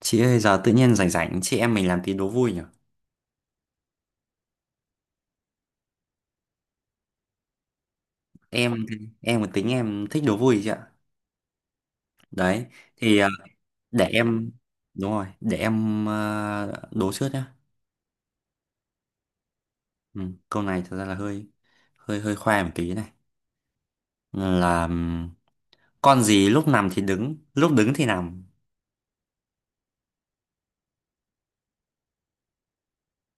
Chị ơi giờ tự nhiên rảnh rảnh chị em mình làm tí đố vui nhỉ? Em em một tính em thích đố vui chị ạ. Đấy thì ờ, để em đúng rồi, để em đố trước nhá. Ừ, câu này thật ra là hơi hơi hơi khoe một tí này. Là con gì lúc nằm thì đứng, lúc đứng thì nằm.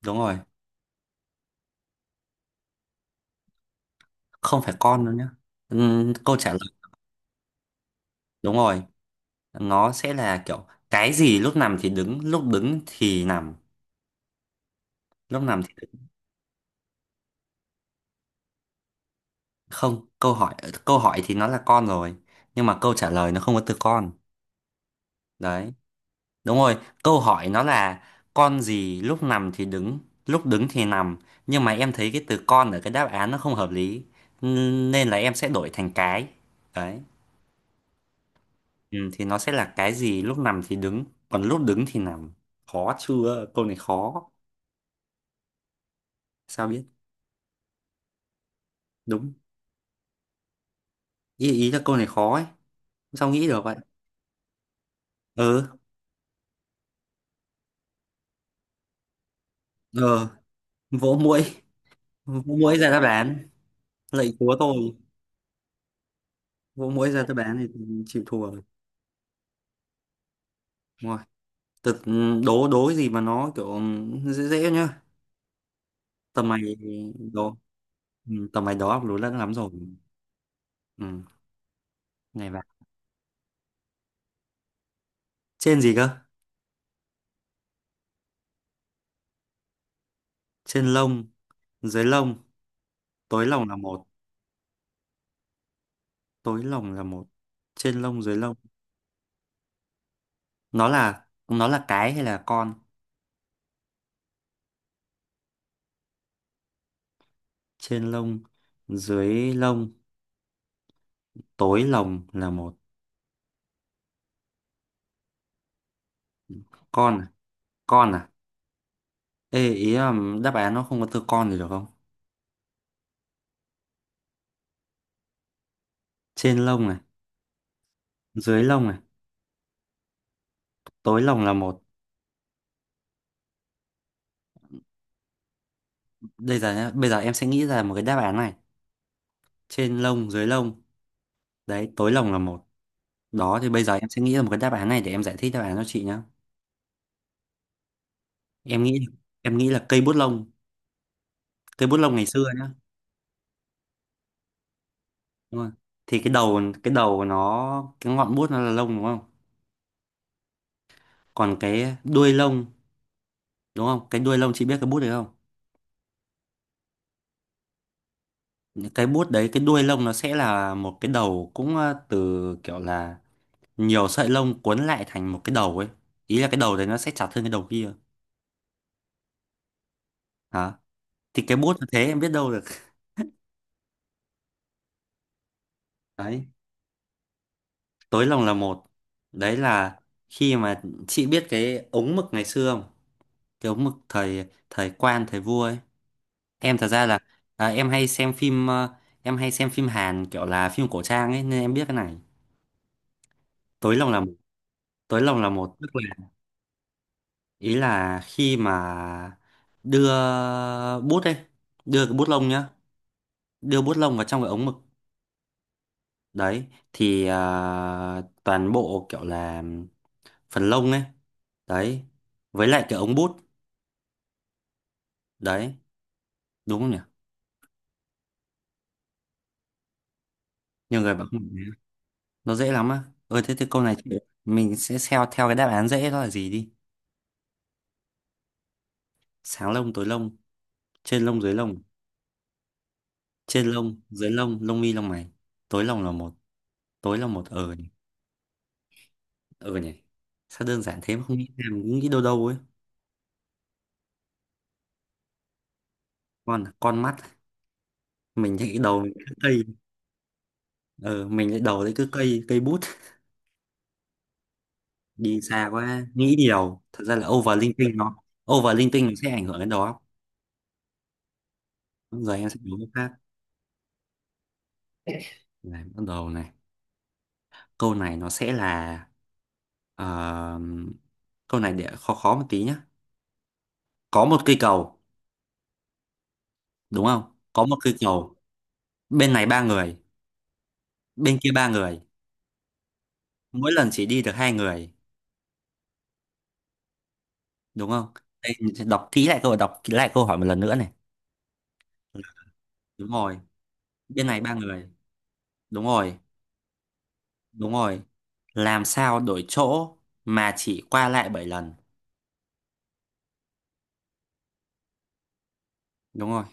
Đúng rồi, không phải con đâu nhá. Câu trả lời đúng rồi, nó sẽ là kiểu cái gì lúc nằm thì đứng, lúc đứng thì nằm, lúc nằm thì không câu hỏi. Câu hỏi thì nó là con rồi, nhưng mà câu trả lời nó không có từ con đấy. Đúng rồi, câu hỏi nó là con gì lúc nằm thì đứng, lúc đứng thì nằm, nhưng mà em thấy cái từ con ở cái đáp án nó không hợp lý, nên là em sẽ đổi thành cái. Đấy, ừ, thì nó sẽ là cái gì lúc nằm thì đứng, còn lúc đứng thì nằm. Khó chưa, câu này khó. Sao biết? Đúng. Ý là câu này khó ấy, sao nghĩ được vậy. Ừ. Ờ, vỗ mũi, vỗ mũi ra đáp án, lạy chúa tôi. Gỗ muối ra tôi bán thì chịu thua rồi. Đúng rồi. Thực đố đố cái gì mà nó kiểu, ừ, dễ dễ nhá. Tầm mày đố, ừ, tầm mày đó lố lẫn lắm rồi. Ừ, ngày vào. Trên gì cơ? Trên lông, dưới lông, tối lông là một, tối lông là một. Trên lông dưới lông. Nó là cái hay là con? Trên lông, dưới lông, tối lông là một. Con à? Con à? Ê, ý là đáp án nó không có từ con thì được không? Trên lông này, dưới lông này, tối lông là một. Bây giờ nhá, bây giờ em sẽ nghĩ ra một cái đáp án này. Trên lông dưới lông, đấy, tối lồng là một. Đó thì bây giờ em sẽ nghĩ ra một cái đáp án này để em giải thích đáp án cho chị nhá. Em nghĩ em nghĩ là cây bút lông, cây bút lông ngày xưa nhá. Đúng không? Thì cái đầu của nó, cái ngọn bút nó là lông, đúng không? Còn cái đuôi lông, đúng không, cái đuôi lông, chị biết cái bút đấy không? Cái bút đấy, cái đuôi lông nó sẽ là một cái đầu, cũng từ kiểu là nhiều sợi lông cuốn lại thành một cái đầu ấy. Ý là cái đầu đấy nó sẽ chặt hơn cái đầu kia. Hả? Thì cái bút nó thế, em biết đâu được. Đấy, tối lòng là một. Đấy là khi mà chị biết cái ống mực ngày xưa không? Cái ống mực thời thời quan thời vua ấy. Em thật ra là, à, em hay xem phim em hay xem phim Hàn kiểu là phim cổ trang ấy, nên em biết cái này. Tối lòng là một, tối lòng là một tức là, ý là khi mà đưa bút ấy, đưa cái bút lông nhá, đưa bút lông vào trong cái ống mực. Đấy thì toàn bộ kiểu là phần lông ấy, đấy, với lại cái ống bút, đấy, đúng không nhỉ. Nhiều người bảo không nhớ. Nó dễ lắm á? Ơi thế thì câu này chị- mình sẽ theo theo cái đáp án dễ đó là gì đi. Sáng lông tối lông, trên lông dưới lông. Trên lông dưới lông, lông mi lông mày, tối lông là một. Tối là một, ờ nhỉ. Ờ nhỉ, sao đơn giản thế mà không nghĩ ra, mình cứ nghĩ đâu đâu ấy. Con mắt, mình thấy đầu mình cứ cây. Ờ mình lại đầu đấy cứ cây cây bút. Đi xa quá, nghĩ điều thật ra là overthinking nó, overthinking nó sẽ ảnh hưởng đến đó. Đúng rồi, em sẽ đố cái khác. Này bắt đầu này, câu này nó sẽ là, ờ, câu này để khó khó một tí nhá. Có một cây cầu, đúng không, có một cây cầu, bên này ba người, bên kia ba người, mỗi lần chỉ đi được hai người, đúng không? Đây, mình sẽ đọc kỹ lại câu, đọc kỹ lại câu hỏi một lần nữa này. Đúng rồi, bên này ba người, đúng rồi, đúng rồi. Làm sao đổi chỗ mà chỉ qua lại bảy lần. Đúng rồi,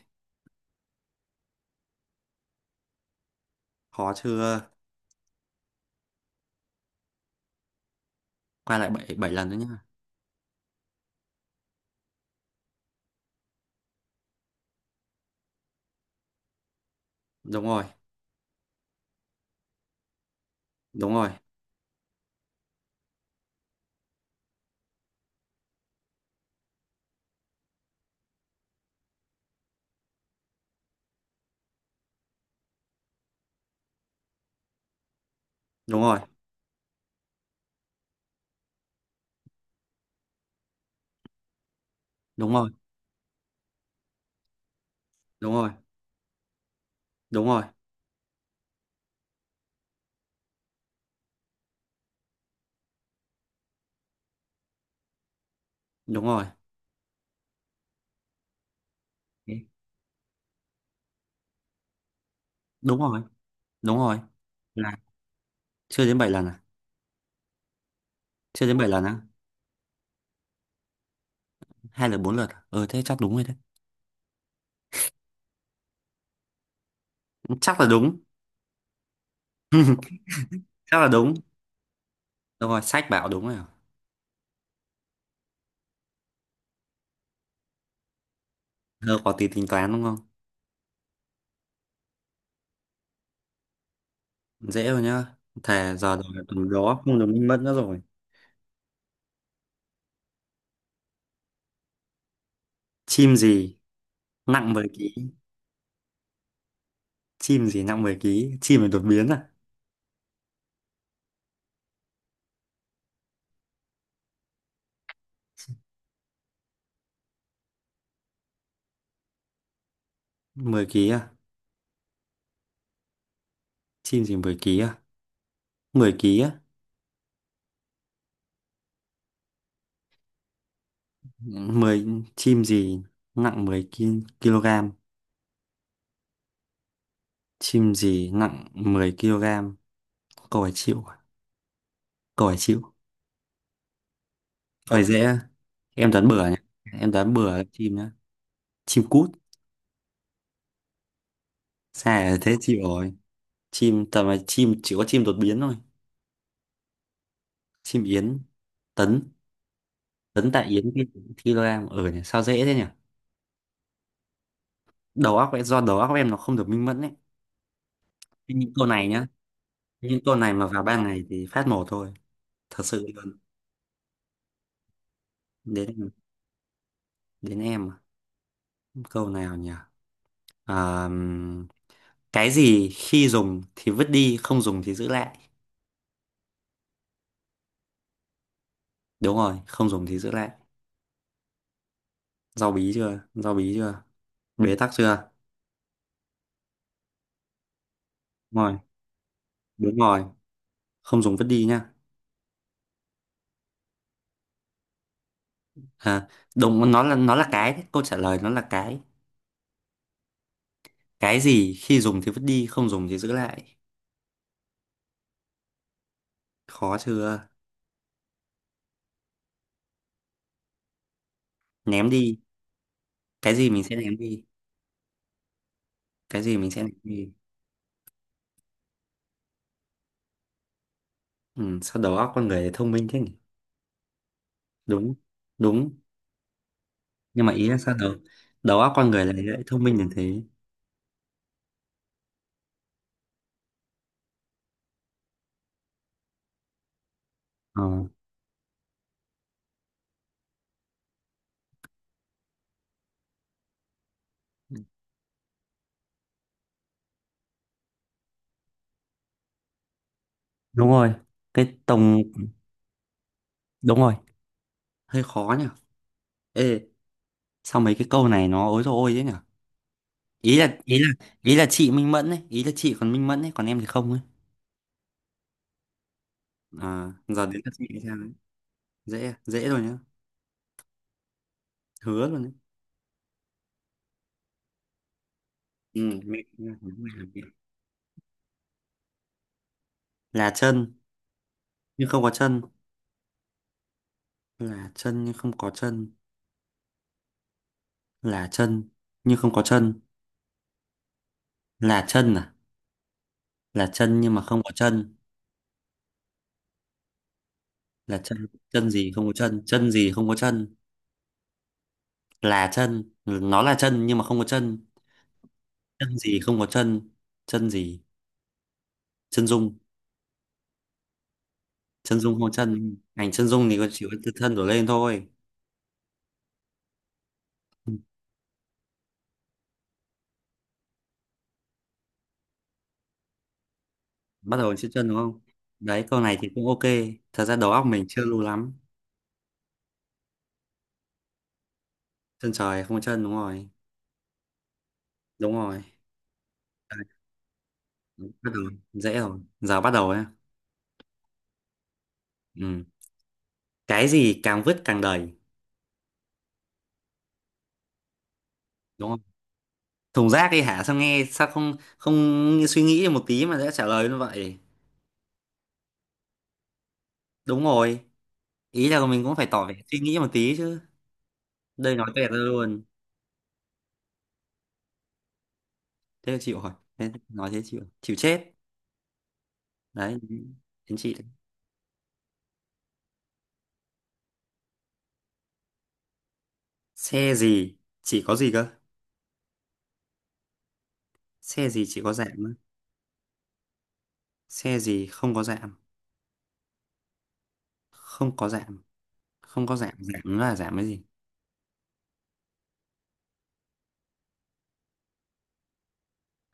khó chưa, qua lại bảy bảy lần nữa nhá. Đúng rồi, đúng rồi, đúng rồi, đúng rồi, đúng rồi, đúng rồi, đúng rồi, đúng rồi, đúng rồi là chưa đến 7 lần à? Chưa đến 7 lần á? Hay là bốn lượt à? Ừ thế chắc đúng rồi đấy. Chắc là đúng. Chắc là đúng. Đúng rồi, sách bảo đúng rồi à? Thơ có tí tính toán đúng không? Dễ rồi nhá, thề giờ rồi tầm đó không được minh mất nữa rồi. Chim gì nặng 10 ký, chim gì nặng 10 ký, chim này đột biến à. Mười ký à, chim gì 10 ký à, mười ký á. Mười, chim gì nặng kg. Chim gì nặng 10 kg? Câu hỏi chịu. À? Câu hỏi chịu. Câu hỏi dễ. À? Em đoán bừa nhé. Em đoán bừa là chim nhá. Chim cút. Sai là thế chịu rồi. Chim tầm là chim chỉ có chim đột biến thôi. Chim yến. Tấn. Tấn tại yến kg. Ở nhỉ. Sao dễ thế nhỉ? Đầu óc ấy, do đầu óc em nó không được minh mẫn ấy. Thế những câu này nhá. Những câu này mà vào ban ngày thì phát mổ thôi. Thật sự luôn. Đến đến em. À? Câu nào nhỉ? Ờ, cái gì khi dùng thì vứt đi, không dùng thì giữ lại. Đúng rồi, không dùng thì giữ lại. Rau bí chưa? Rau bí chưa? Bế tắc chưa? Đúng rồi, đúng rồi. Không dùng vứt đi nhá. À, đúng, nó là cái. Đấy, câu trả lời nó là cái. Cái gì khi dùng thì vứt đi, không dùng thì giữ lại. Khó chưa? Ném đi. Cái gì mình sẽ ném đi? Cái gì mình sẽ ném đi? Ừ, sao đầu óc con người lại thông minh thế nhỉ? Đúng, đúng. Nhưng mà ý là sao đầu, đầu óc con người lại lại thông minh như thế? Ờ. Đúng rồi, cái tổng đúng rồi, hơi khó nhỉ. Ê, sao mấy cái câu này nó ối rồi ôi thế nhỉ? Ý là ý là ý là chị minh mẫn ấy, ý là chị còn minh mẫn ấy, còn em thì không ấy. À, giờ đến các chị thì sao đấy? Dễ à? Dễ rồi nhá. Hứa luôn đấy. Ừ, mẹ mẹ- mẹ là chân nhưng không có chân, là chân nhưng không có chân, là chân nhưng không có chân, là chân à? Là chân nhưng mà không có chân, là chân chân gì không có chân, chân gì không có chân, là chân, nó là chân nhưng mà không có chân. Chân gì không có chân, chân gì, chân dung. Chân dung không chân, ảnh chân dung thì có chỉ có từ thân đổ lên thôi. Ừ, bắt đầu bằng chữ chân đúng không, đấy câu này thì cũng ok, thật ra đầu óc mình chưa lưu lắm. Chân trời không có chân, đúng rồi, đúng rồi. Đấy, bắt đầu, dễ rồi giờ bắt đầu nhá. Ừ, cái gì càng vứt càng đầy? Đúng không, thùng rác đi hả, sao nghe sao không không suy nghĩ một tí mà đã trả lời như vậy? Đúng rồi, ý là mình cũng phải tỏ vẻ suy nghĩ một tí chứ. Đây nói tuyệt ra luôn, thế là chịu rồi, thế nói thế chịu chịu chết. Đấy, đến chị đấy. Xe gì chỉ có gì cơ? Xe gì chỉ có giảm á? Xe gì không có giảm, không có giảm, không có giảm, giảm là giảm cái gì?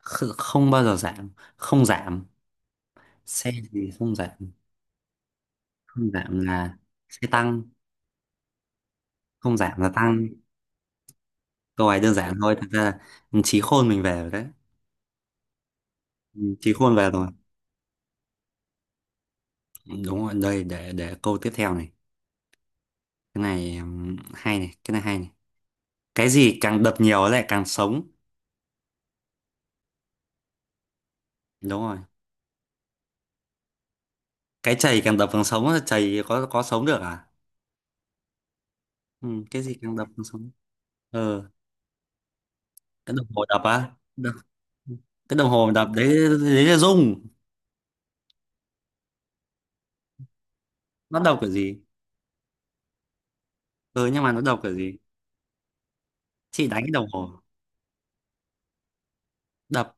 Không bao giờ giảm, không giảm. Xe gì không giảm? Không giảm là xe tăng. Không giảm là tăng, câu này đơn giản thôi thật ra là, trí khôn mình về rồi đấy. Trí khôn về rồi. Đúng rồi, đây để câu tiếp theo này. Cái này hay này, cái này hay này. Cái gì càng đập nhiều lại càng sống? Đúng rồi, cái chày càng đập càng sống á, chày có sống được à. Ừ, cái gì càng đập càng sống? Ờ, cái đồng hồ đập á. Đập. Cái đồng hồ đập đấy, đấy là rung. Nó đập kiểu gì? Ừ nhưng mà nó đập kiểu gì? Chị đánh cái đồng hồ đập.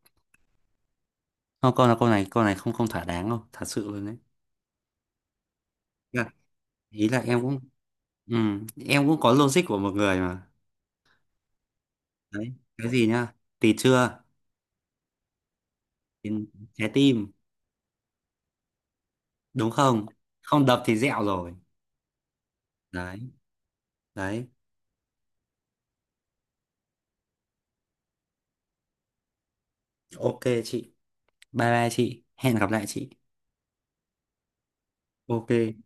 Không, câu là câu này, câu này không không thỏa đáng đâu, thật sự luôn đấy. Dạ, ý là em cũng, ừ, em cũng có logic của một người mà. Đấy cái gì nhá, tì chưa. Tì- Trái tim. Đúng không, không đập thì dẹo rồi. Đấy, đấy. Ok chị. Bye bye chị. Hẹn gặp lại chị. Ok.